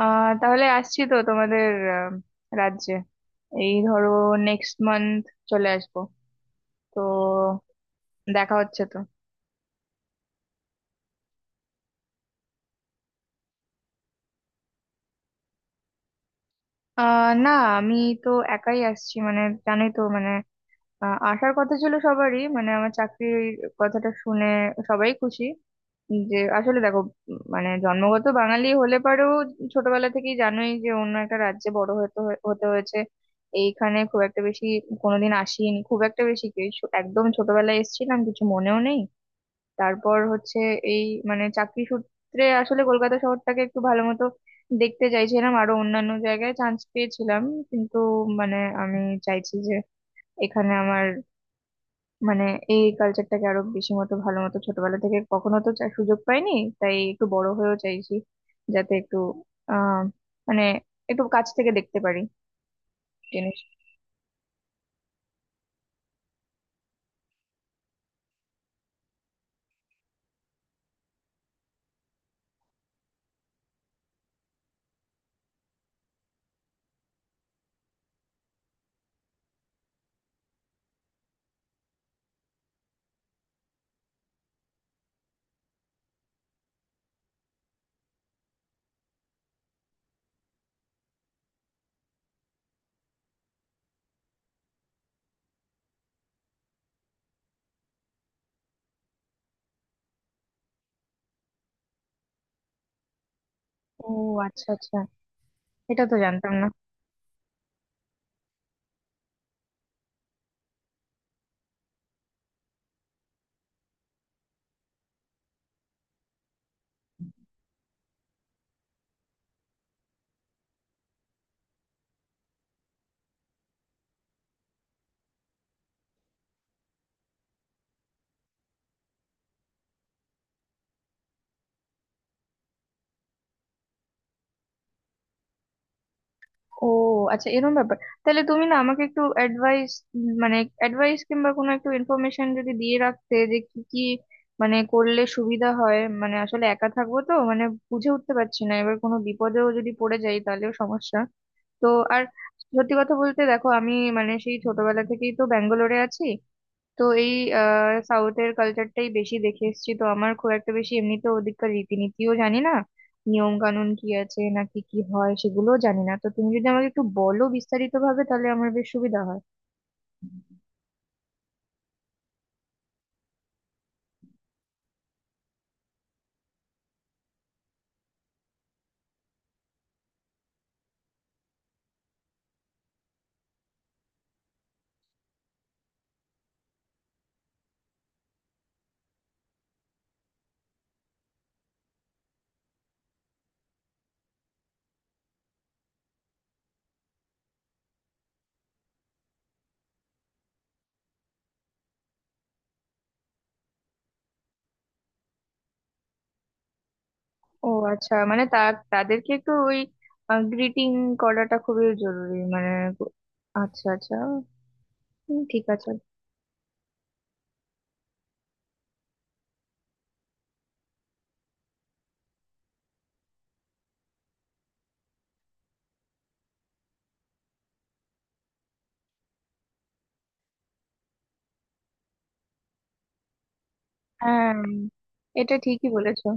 তাহলে আসছি তো তোমাদের আহ, রাজ্যে। এই ধরো নেক্সট মান্থ চলে আসবো, তো দেখা হচ্ছে তো। না, আমি তো একাই আসছি। মানে জানোই তো, মানে আসার কথা ছিল সবারই, মানে আমার চাকরির কথাটা শুনে সবাই খুশি, যে আসলে দেখো, মানে জন্মগত বাঙালি হলে পারেও, ছোটবেলা থেকেই জানোই যে অন্য একটা রাজ্যে বড় হতে হয়েছে। এইখানে খুব একটা বেশি কোনোদিন আসিনি, খুব একটা বেশি কি একদম ছোটবেলায় এসেছিলাম, কিছু মনেও নেই। তারপর হচ্ছে এই, মানে চাকরি সূত্রে আসলে কলকাতা শহরটাকে একটু ভালো মতো দেখতে চাইছিলাম, আরো অন্যান্য জায়গায় চান্স পেয়েছিলাম, কিন্তু মানে আমি চাইছি যে এখানে আমার, মানে এই কালচারটাকে আরো বেশি মতো ভালো মতো, ছোটবেলা থেকে কখনো তো সুযোগ পাইনি, তাই একটু বড় হয়েও চাইছি, যাতে একটু আহ মানে একটু কাছ থেকে দেখতে পারি জিনিস। ও আচ্ছা আচ্ছা, এটা তো জানতাম না। ও আচ্ছা, এরকম ব্যাপার। তাহলে তুমি না আমাকে একটু অ্যাডভাইস, মানে অ্যাডভাইস কিংবা কোনো একটু ইনফরমেশন যদি দিয়ে রাখতে যে কি কি মানে করলে সুবিধা হয়, মানে আসলে একা থাকবো তো, মানে বুঝে উঠতে পারছি না, এবার কোনো বিপদেও যদি পড়ে যাই তাহলেও সমস্যা। তো আর সত্যি কথা বলতে, দেখো আমি মানে সেই ছোটবেলা থেকেই তো ব্যাঙ্গালোরে আছি, তো এই সাউথের কালচারটাই বেশি দেখে এসেছি তো, আমার খুব একটা বেশি এমনিতে ওদিককার রীতিনীতিও জানি না, নিয়ম কানুন কি আছে নাকি কি হয় সেগুলোও জানি না, তো তুমি যদি আমাকে একটু বলো বিস্তারিত ভাবে তাহলে আমার বেশ সুবিধা হয়। ও আচ্ছা, মানে তা তাদেরকে একটু ওই গ্রিটিং করাটা খুবই জরুরি, মানে আচ্ছা আচ্ছা। হুম, ঠিক আছে। হ্যাঁ, এটা ঠিকই বলেছো।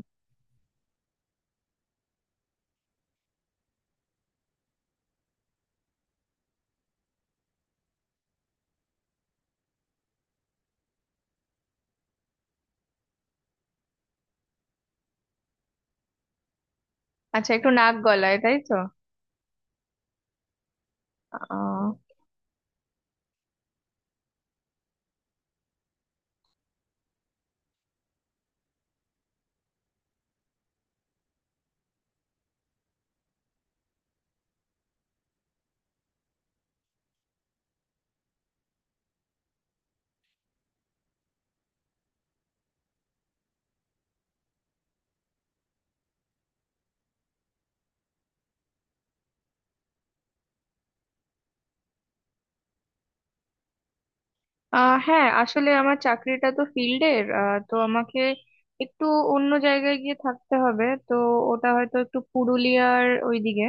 আচ্ছা, একটু নাক গলায় তাই তো। আহ আহ হ্যাঁ, আসলে আমার চাকরিটা তো ফিল্ডের, তো আমাকে একটু অন্য জায়গায় গিয়ে থাকতে হবে তো। ওটা হয়তো একটু পুরুলিয়ার ওইদিকে,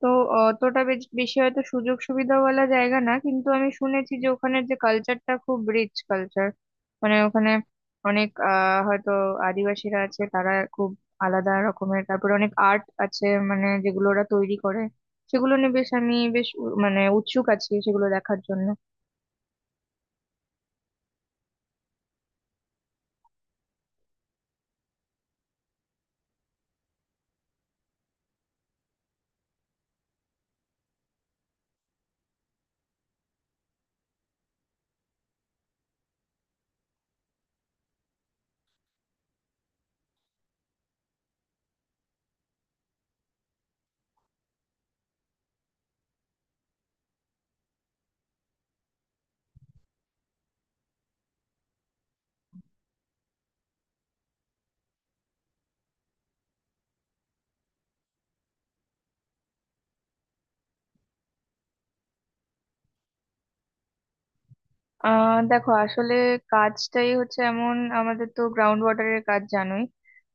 তো অতটা বেশি হয়তো সুযোগ সুবিধাওয়ালা জায়গা না, কিন্তু আমি শুনেছি যে ওখানের যে কালচারটা খুব রিচ কালচার, মানে ওখানে অনেক হয়তো আদিবাসীরা আছে, তারা খুব আলাদা রকমের, তারপরে অনেক আর্ট আছে, মানে যেগুলো ওরা তৈরি করে, সেগুলো নিয়ে বেশ আমি বেশ মানে উৎসুক আছি সেগুলো দেখার জন্য। দেখো আসলে কাজটাই হচ্ছে এমন, আমাদের তো গ্রাউন্ড ওয়াটারের কাজ জানোই,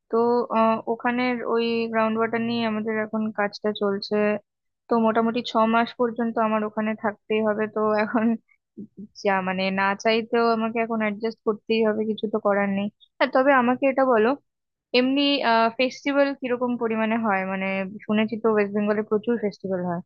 তো ওখানের ওই গ্রাউন্ড ওয়াটার নিয়ে আমাদের এখন কাজটা চলছে, তো মোটামুটি ছ মাস পর্যন্ত আমার ওখানে থাকতেই হবে, তো এখন যা মানে না চাইতেও আমাকে এখন অ্যাডজাস্ট করতেই হবে, কিছু তো করার নেই। হ্যাঁ, তবে আমাকে এটা বলো, এমনি ফেস্টিভ্যাল কিরকম পরিমাণে হয়, মানে শুনেছি তো ওয়েস্ট বেঙ্গলে প্রচুর ফেস্টিভ্যাল হয়।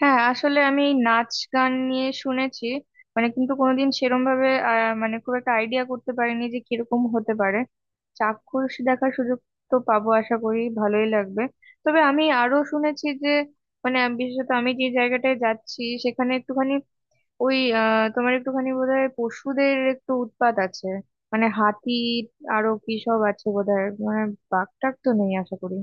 হ্যাঁ, আসলে আমি এই নাচ গান নিয়ে শুনেছি, মানে কিন্তু কোনোদিন সেরম ভাবে মানে খুব একটা আইডিয়া করতে পারিনি যে কিরকম হতে পারে, চাক্ষুষ দেখার সুযোগ তো পাবো, আশা করি ভালোই লাগবে। তবে আমি আরো শুনেছি যে মানে আমি- বিশেষত আমি যে জায়গাটায় যাচ্ছি সেখানে একটুখানি ওই তোমার একটুখানি বোধহয় পশুদের একটু উৎপাত আছে, মানে হাতি আরো কি সব আছে বোধহয়, মানে বাঘ টাগ তো নেই আশা করি।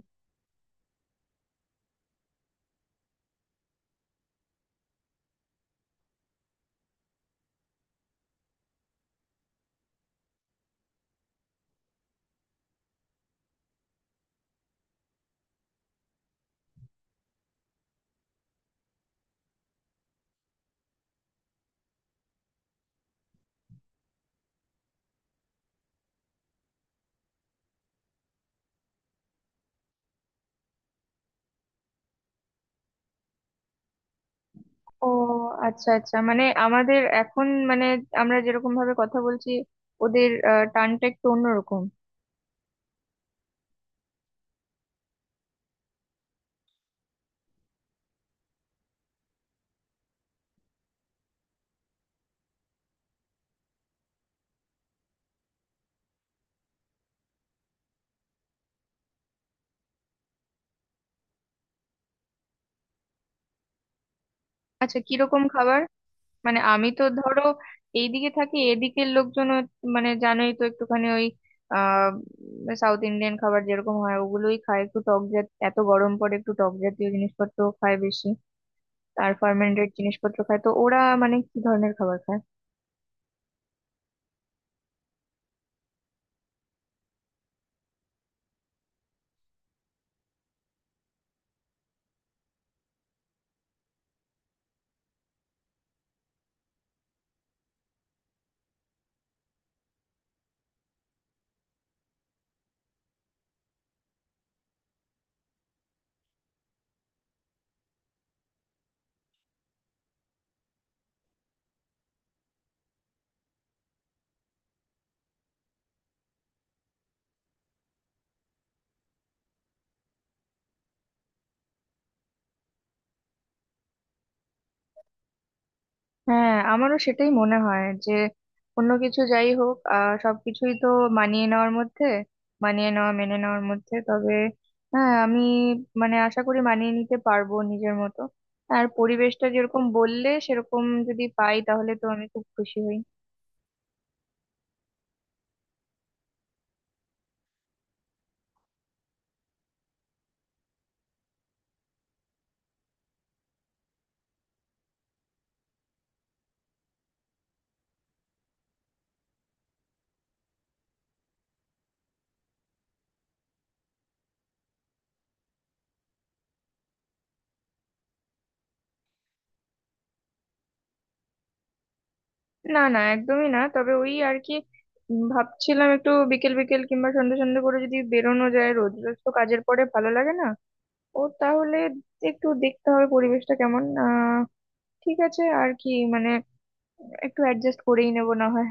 ও আচ্ছা আচ্ছা, মানে আমাদের এখন মানে আমরা যেরকম ভাবে কথা বলছি, ওদের টানটা একটু অন্যরকম। আচ্ছা, কিরকম খাবার? মানে আমি তো ধরো এইদিকে থাকি, এদিকের লোকজন মানে জানোই তো একটুখানি ওই আহ সাউথ ইন্ডিয়ান খাবার যেরকম হয় ওগুলোই খায়, একটু টক জাতীয়, এত গরম পড়ে একটু টক জাতীয় জিনিসপত্র খায় বেশি, আর ফার্মেন্টেড জিনিসপত্র খায়, তো ওরা মানে কি ধরনের খাবার খায়? হ্যাঁ, আমারও সেটাই মনে হয় যে অন্য কিছু যাই হোক সবকিছুই তো মানিয়ে নেওয়ার মধ্যে, মানিয়ে নেওয়া মেনে নেওয়ার মধ্যে, তবে হ্যাঁ আমি মানে আশা করি মানিয়ে নিতে পারবো নিজের মতো। আর পরিবেশটা যেরকম বললে সেরকম যদি পাই তাহলে তো আমি খুব খুশি হই। না না, একদমই না, তবে ওই আর কি ভাবছিলাম একটু বিকেল বিকেল কিংবা সন্ধ্যে সন্ধ্যে করে যদি বেরোনো যায়, রোজ রোজ তো কাজের পরে ভালো লাগে না। ও তাহলে একটু দেখতে হবে পরিবেশটা কেমন। ঠিক আছে আর কি, মানে একটু অ্যাডজাস্ট করেই নেবো না হয়।